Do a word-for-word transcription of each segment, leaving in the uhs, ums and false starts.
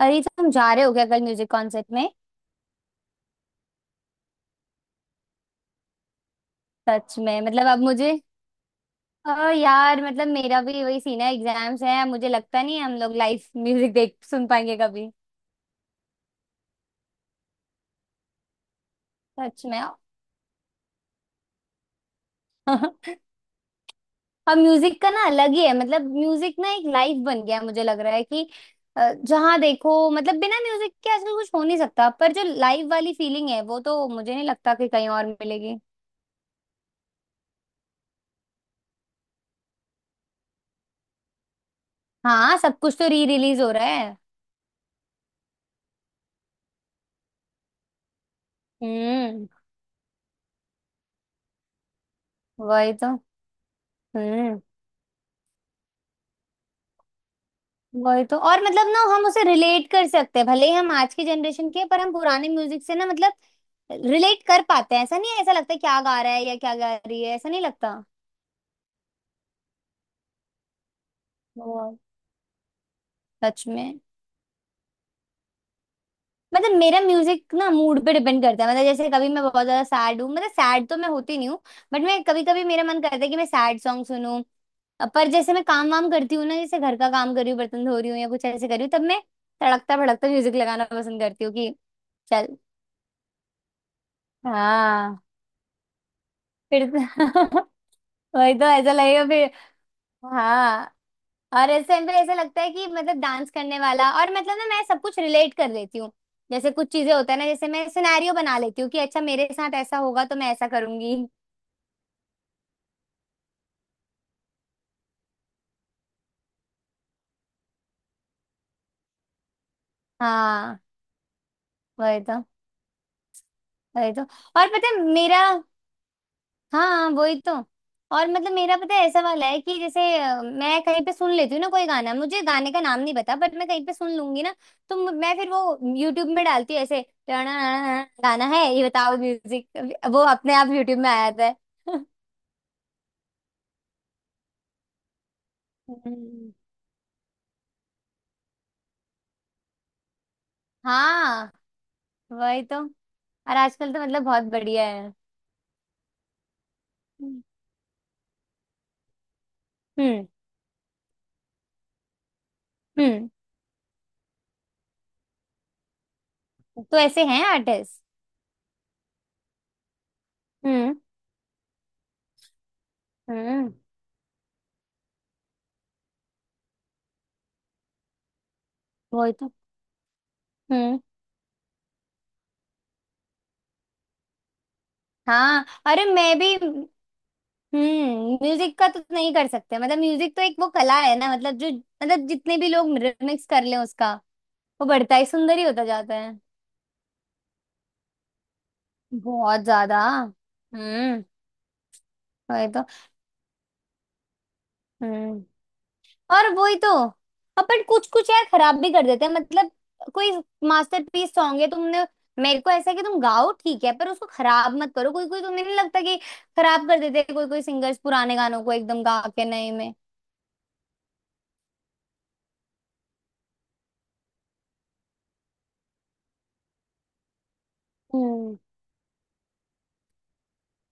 अरे तो हम जा रहे हो क्या कल म्यूजिक कॉन्सर्ट में? सच में मतलब अब मुझे अ, यार मतलब मेरा भी वही सीन है, एग्जाम्स है, मुझे लगता नहीं है हम लोग लाइव म्यूजिक देख सुन पाएंगे कभी। सच में अब म्यूजिक का ना अलग ही है, मतलब म्यूजिक ना एक लाइफ बन गया है, मुझे लग रहा है कि अ, जहाँ देखो मतलब बिना म्यूजिक के आजकल कुछ हो नहीं सकता, पर जो लाइव वाली फीलिंग है वो तो मुझे नहीं लगता कि कहीं और मिलेगी। हाँ, सब कुछ तो री रिलीज हो रहा है। हम्म। वही तो। हम्म। वही तो, और मतलब ना हम उसे रिलेट कर सकते हैं, भले ही हम आज की जनरेशन के हैं, पर हम पुराने म्यूजिक से ना मतलब रिलेट कर पाते हैं, ऐसा नहीं है, ऐसा लगता है क्या गा रहा है या क्या गा रही है, ऐसा नहीं लगता। बहुत। सच में। मतलब मेरा म्यूजिक ना मूड पे डिपेंड करता है, मतलब जैसे कभी मैं बहुत ज्यादा सैड हूँ, मतलब सैड तो मैं होती नहीं हूँ, बट मैं कभी कभी मेरा मन करता है कि मैं सैड सॉन्ग सुनूं। अ, पर जैसे मैं काम वाम करती हूँ ना, जैसे घर का काम कर रही हूँ, बर्तन धो रही हूँ या कुछ ऐसे कर रही हूँ, तब मैं तड़कता भड़कता म्यूजिक लगाना पसंद करती हूँ कि चल। हाँ। फिर वही तो ऐसा लगेगा फिर। हाँ, और इस टाइम पे ऐसा लगता है कि मतलब डांस करने वाला, और मतलब ना मैं सब कुछ रिलेट कर लेती हूँ, जैसे कुछ चीजें होता है ना, जैसे मैं सिनेरियो बना लेती हूँ कि अच्छा मेरे साथ ऐसा होगा तो मैं ऐसा करूंगी। हाँ। वही तो। वही तो, और पता है मेरा। हाँ, वही तो। और मतलब मेरा पता है ऐसा वाला है कि जैसे अ, मैं कहीं पे सुन लेती हूँ ना कोई गाना, मुझे गाने का नाम नहीं पता, बट मैं कहीं पे सुन लूंगी ना, तो मु- मैं फिर वो यूट्यूब में डालती हूँ ऐसे "टणाणाणा, गाना है ये बताओ म्यूजिक। वो अपने आप यूट्यूब में आ जाता है। हम्म। हाँ, वही तो। और आजकल तो मतलब बहुत बढ़िया है। हम्म। हम्म, तो ऐसे हैं आर्टिस्ट। हम्म। हम्म, वही तो। हम्म। हाँ, अरे मैं भी। हम्म, म्यूजिक का तो नहीं कर सकते, मतलब म्यूजिक तो एक वो कला है ना, मतलब जो मतलब जितने भी लोग रिमिक्स कर लें उसका, वो बढ़ता ही सुंदर ही होता जाता है। बहुत ज्यादा। हम्म। वही तो। हम्म। और वही तो। अपन कुछ कुछ यार खराब भी कर देते हैं, मतलब कोई मास्टरपीस सॉन्ग है, तुमने मेरे को ऐसा है कि तुम गाओ ठीक है, पर उसको खराब मत करो। कोई कोई तुम्हें नहीं लगता कि खराब कर देते हैं कोई कोई सिंगर्स पुराने गानों को एकदम गा के नए में। हम्म।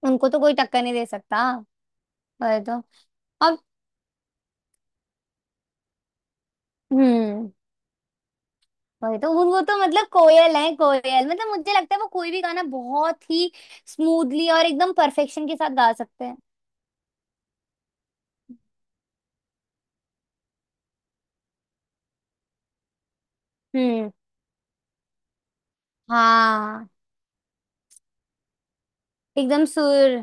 उनको तो कोई टक्कर नहीं दे सकता। वही तो। और हम्म, वही तो। वो वो तो मतलब कोयल है कोयल, मतलब मुझे लगता है वो कोई भी गाना बहुत ही स्मूथली और एकदम परफेक्शन के साथ गा सकते हैं। हम्म। हाँ, एकदम सुर।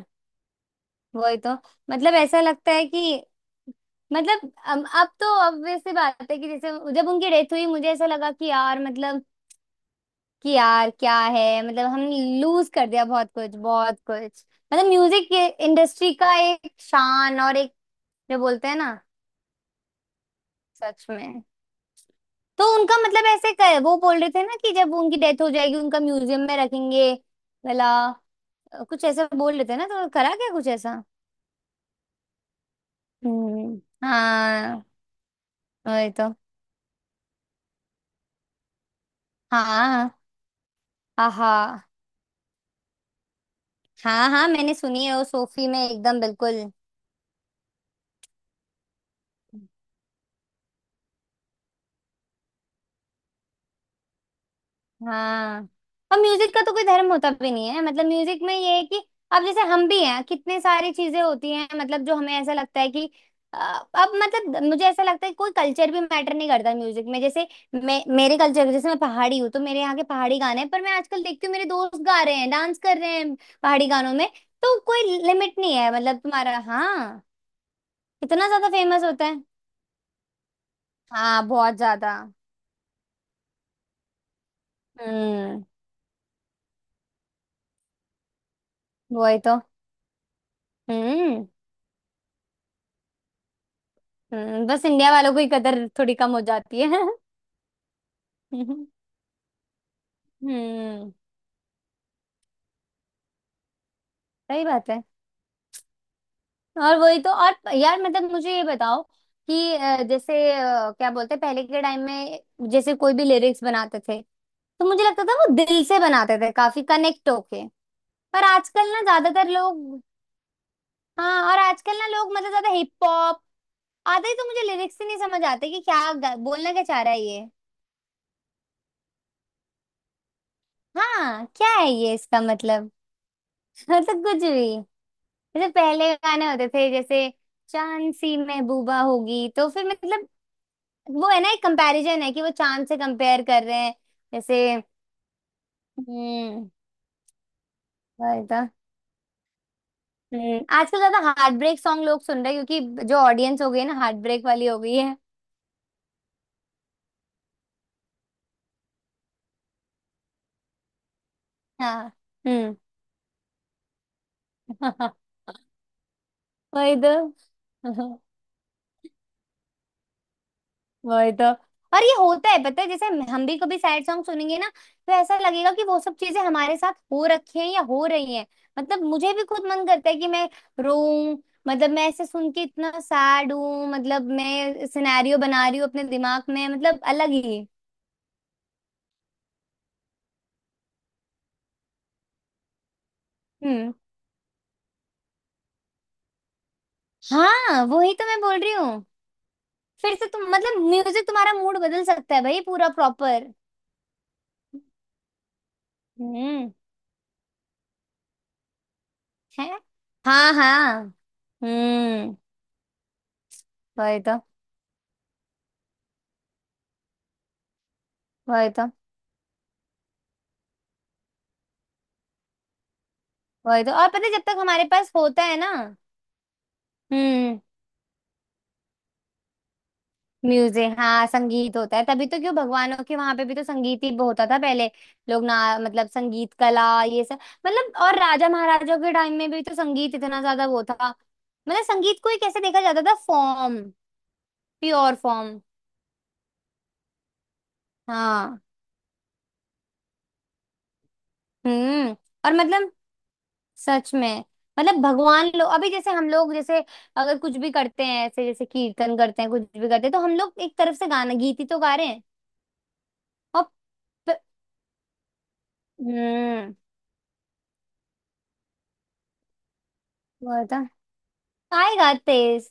वही तो। मतलब ऐसा लगता है कि मतलब अब अब तो obvious सी बात है कि जैसे जब उनकी डेथ हुई, मुझे ऐसा लगा कि यार मतलब कि यार क्या है, मतलब हम लूज कर दिया बहुत कुछ, बहुत कुछ। मतलब म्यूजिक इंडस्ट्री का एक शान और एक जो बोलते हैं ना। सच में। तो उनका मतलब ऐसे कर, वो बोल रहे थे ना कि जब उनकी डेथ हो जाएगी उनका म्यूजियम में रखेंगे वाला, अ, कुछ ऐसा बोल रहे थे ना, तो करा क्या कुछ ऐसा। हम्म, हाँ। वही तो। हाँ। आहा। हाँ हाँ, मैंने सुनी है वो, सोफी में एकदम बिल्कुल। हाँ, और म्यूजिक का तो कोई धर्म होता भी नहीं है, मतलब म्यूजिक में ये है कि अब जैसे हम भी हैं, कितने सारी चीजें होती हैं, मतलब जो हमें ऐसा लगता है कि अ, अब मतलब मुझे ऐसा लगता है कि कोई कल्चर भी मैटर नहीं करता म्यूजिक में, जैसे मैं मेरे कल्चर जैसे मैं पहाड़ी हूँ तो मेरे यहाँ के पहाड़ी गाने हैं, पर मैं आजकल देखती हूँ मेरे दोस्त गा रहे हैं, डांस कर रहे हैं पहाड़ी गानों में। तो कोई लिमिट नहीं है, मतलब तुम्हारा, हाँ। इतना ज्यादा फेमस होता है। हाँ, बहुत ज्यादा। हम्म। वही तो। हम्म। हम्म, बस इंडिया वालों को ही कदर थोड़ी कम हो जाती है। हम्म। सही बात है। और वही तो। और यार मतलब मुझे ये बताओ कि अ, जैसे अ, क्या बोलते हैं पहले के टाइम में जैसे कोई भी लिरिक्स बनाते थे तो मुझे लगता था वो दिल से बनाते थे, काफी कनेक्ट होके। पर आजकल ना ज्यादातर लोग। हाँ, और आजकल ना लोग मतलब ज्यादा हिप हॉप आते ही तो मुझे लिरिक्स ही नहीं समझ आते कि क्या ग- बोलना क्या चाह रहा है ये। हाँ, क्या है ये इसका मतलब। मतलब कुछ भी। जैसे पहले गाने होते थे, जैसे चांद सी महबूबा होगी, तो फिर मतलब वो है ना एक कंपैरिजन है कि वो चांद से कंपेयर कर रहे हैं। जैसे हम्म। वही तो। हम्म, आजकल ज्यादा हार्ट ब्रेक सॉन्ग लोग सुन रहे हैं क्योंकि जो ऑडियंस हो गई है ना हार्ट ब्रेक वाली हो गई है। हाँ। हम्म। वही तो। वही तो। और ये होता है पता है, जैसे हम हम भी कभी सैड सॉन्ग सुनेंगे ना तो ऐसा लगेगा कि वो सब चीजें हमारे साथ हो रखी हैं या हो रही हैं। मतलब मुझे भी खुद मन करता है कि मैं रोऊं, मतलब मैं ऐसे सुन के इतना सैड हूं, मतलब मैं सिनेरियो बना रही हूँ अपने दिमाग में, मतलब अलग ही। हम्म। हाँ, वही तो मैं बोल रही हूँ। फिर से तुम मतलब म्यूजिक तुम्हारा मूड बदल सकता है भाई पूरा प्रॉपर। हम्म। है। हाँ हाँ। हम्म। वही तो। वही तो। वही तो, और पता है जब तक हमारे पास होता है ना। हम्म। म्यूजिक, हाँ, संगीत होता है तभी तो, क्यों भगवानों के वहां पे भी तो संगीत ही होता था पहले। लोग ना मतलब संगीत कला ये सब मतलब, और राजा महाराजाओं के टाइम में भी तो संगीत इतना ज्यादा वो था, मतलब संगीत को ही कैसे देखा जाता था फॉर्म, प्योर फॉर्म। हाँ। हम्म। और मतलब सच में। मतलब भगवान लोग अभी जैसे हम लोग जैसे अगर कुछ भी करते हैं, ऐसे जैसे कीर्तन करते हैं, कुछ भी करते हैं, तो हम लोग एक तरफ से गाना गीत ही तो गा रहे हैं। और हम्म। वही तो। आएगा तेज।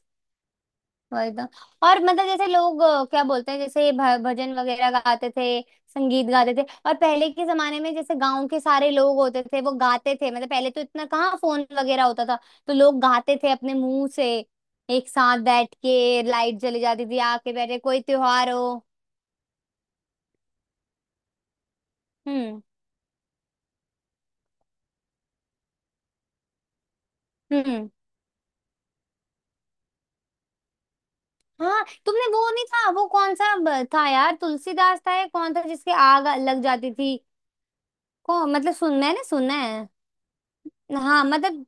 वही तो। और मतलब जैसे लोग अ, क्या बोलते हैं, जैसे भ- भजन वगैरह गाते थे, संगीत गाते थे। और पहले के जमाने में जैसे गांव के सारे लोग होते थे वो गाते थे, मतलब पहले तो इतना कहाँ फोन वगैरह होता था, तो लोग गाते थे अपने मुंह से, एक साथ बैठ के, लाइट जली जाती थी, आके बैठे कोई त्योहार हो। हम्म। हम्म। हाँ, तुमने वो नहीं था वो कौन सा ब- था यार, तुलसीदास था या कौन था जिसके आग लग जाती थी? कौन मतलब सुनना है ना, सुनना है। हाँ, मतलब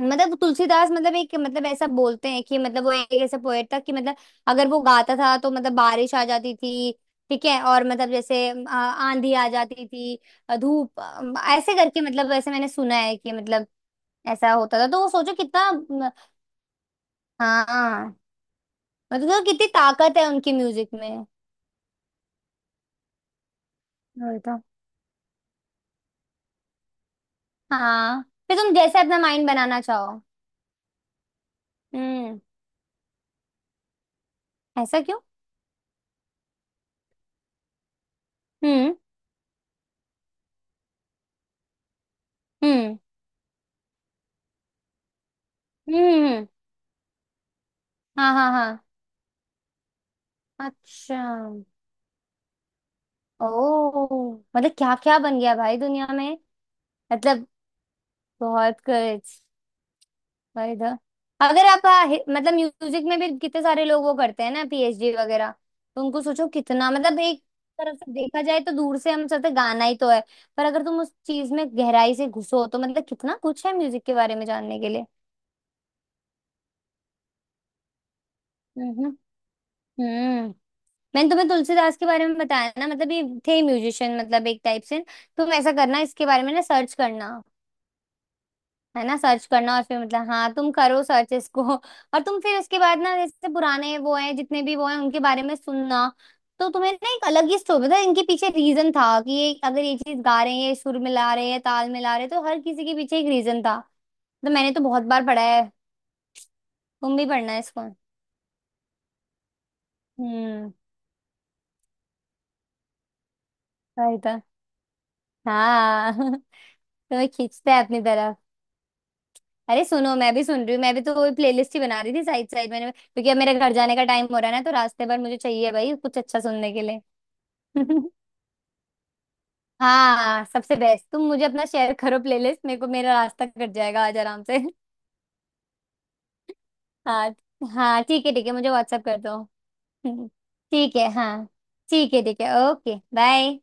मतलब तुलसीदास, मतलब एक मतलब ऐसा बोलते हैं कि मतलब वो एक ऐसा पोएट था कि मतलब अगर वो गाता था तो मतलब बारिश आ जाती थी, ठीक है, और मतलब जैसे अ, आंधी आ जाती थी, अ, धूप, अ, ऐसे करके, मतलब ऐसे मैंने सुना है कि मतलब ऐसा होता था, तो वो सोचो कितना म, हाँ, मतलब तो कितनी ताकत है उनकी म्यूजिक में। वही तो। हाँ, फिर तुम जैसे अपना माइंड बनाना चाहो। हम्म। ऐसा क्यों? हम्म। हम्म। हम्म। हम्म, हाँ हाँ हाँ। अच्छा। ओ मतलब क्या क्या बन गया भाई दुनिया में। मतलब बहुत कुछ। भाई द, अगर आप आ, हि- मतलब म्यूजिक में भी कितने सारे लोग वो करते हैं ना पीएचडी वगैरह, तो उनको सोचो कितना मतलब एक तरफ से देखा जाए तो दूर से हम सोचते हैं, गाना ही तो है, पर अगर तुम उस चीज में गहराई से घुसो तो मतलब कितना कुछ है म्यूजिक के बारे में जानने के लिए। हम्म। हम्म। मैंने तुम्हें तुलसीदास के बारे में बताया ना, मतलब ये थे म्यूजिशियन मतलब एक टाइप से। तुम ऐसा करना इसके बारे में ना सर्च करना, है ना। सर्च करना, और फिर मतलब हाँ तुम करो सर्च इसको, और तुम फिर उसके बाद ना जैसे पुराने वो हैं जितने भी वो हैं उनके बारे में सुनना, तो तुम्हें ना एक अलग ही स्टोरी था, इनके पीछे रीजन था कि ये अगर ये चीज गा रहे हैं, ये सुर मिला रहे हैं, ताल मिला रहे हैं, तो हर किसी के पीछे एक रीजन था। तो मैंने तो बहुत बार पढ़ा है। तुम भी पढ़ना है इसको। हम्म। सही था। हाँ तुम्हें खींचता है अपनी तरफ। अरे सुनो, मैं भी सुन रही हूँ, मैं भी तो वही प्लेलिस्ट ही बना रही थी साइड साइड मैंने, क्योंकि अब मेरे घर जाने का टाइम हो रहा है ना, तो रास्ते भर मुझे चाहिए भाई कुछ अच्छा सुनने के लिए। हाँ, सबसे बेस्ट, तुम मुझे अपना शेयर करो प्लेलिस्ट, मेरे को मेरा रास्ता कट जाएगा आज आराम से। हाँ। हाँ ठीक है ठीक है, मुझे व्हाट्सअप कर दो। हम्म, ठीक है, हाँ। ठीक है ठीक है। ओके। बाय।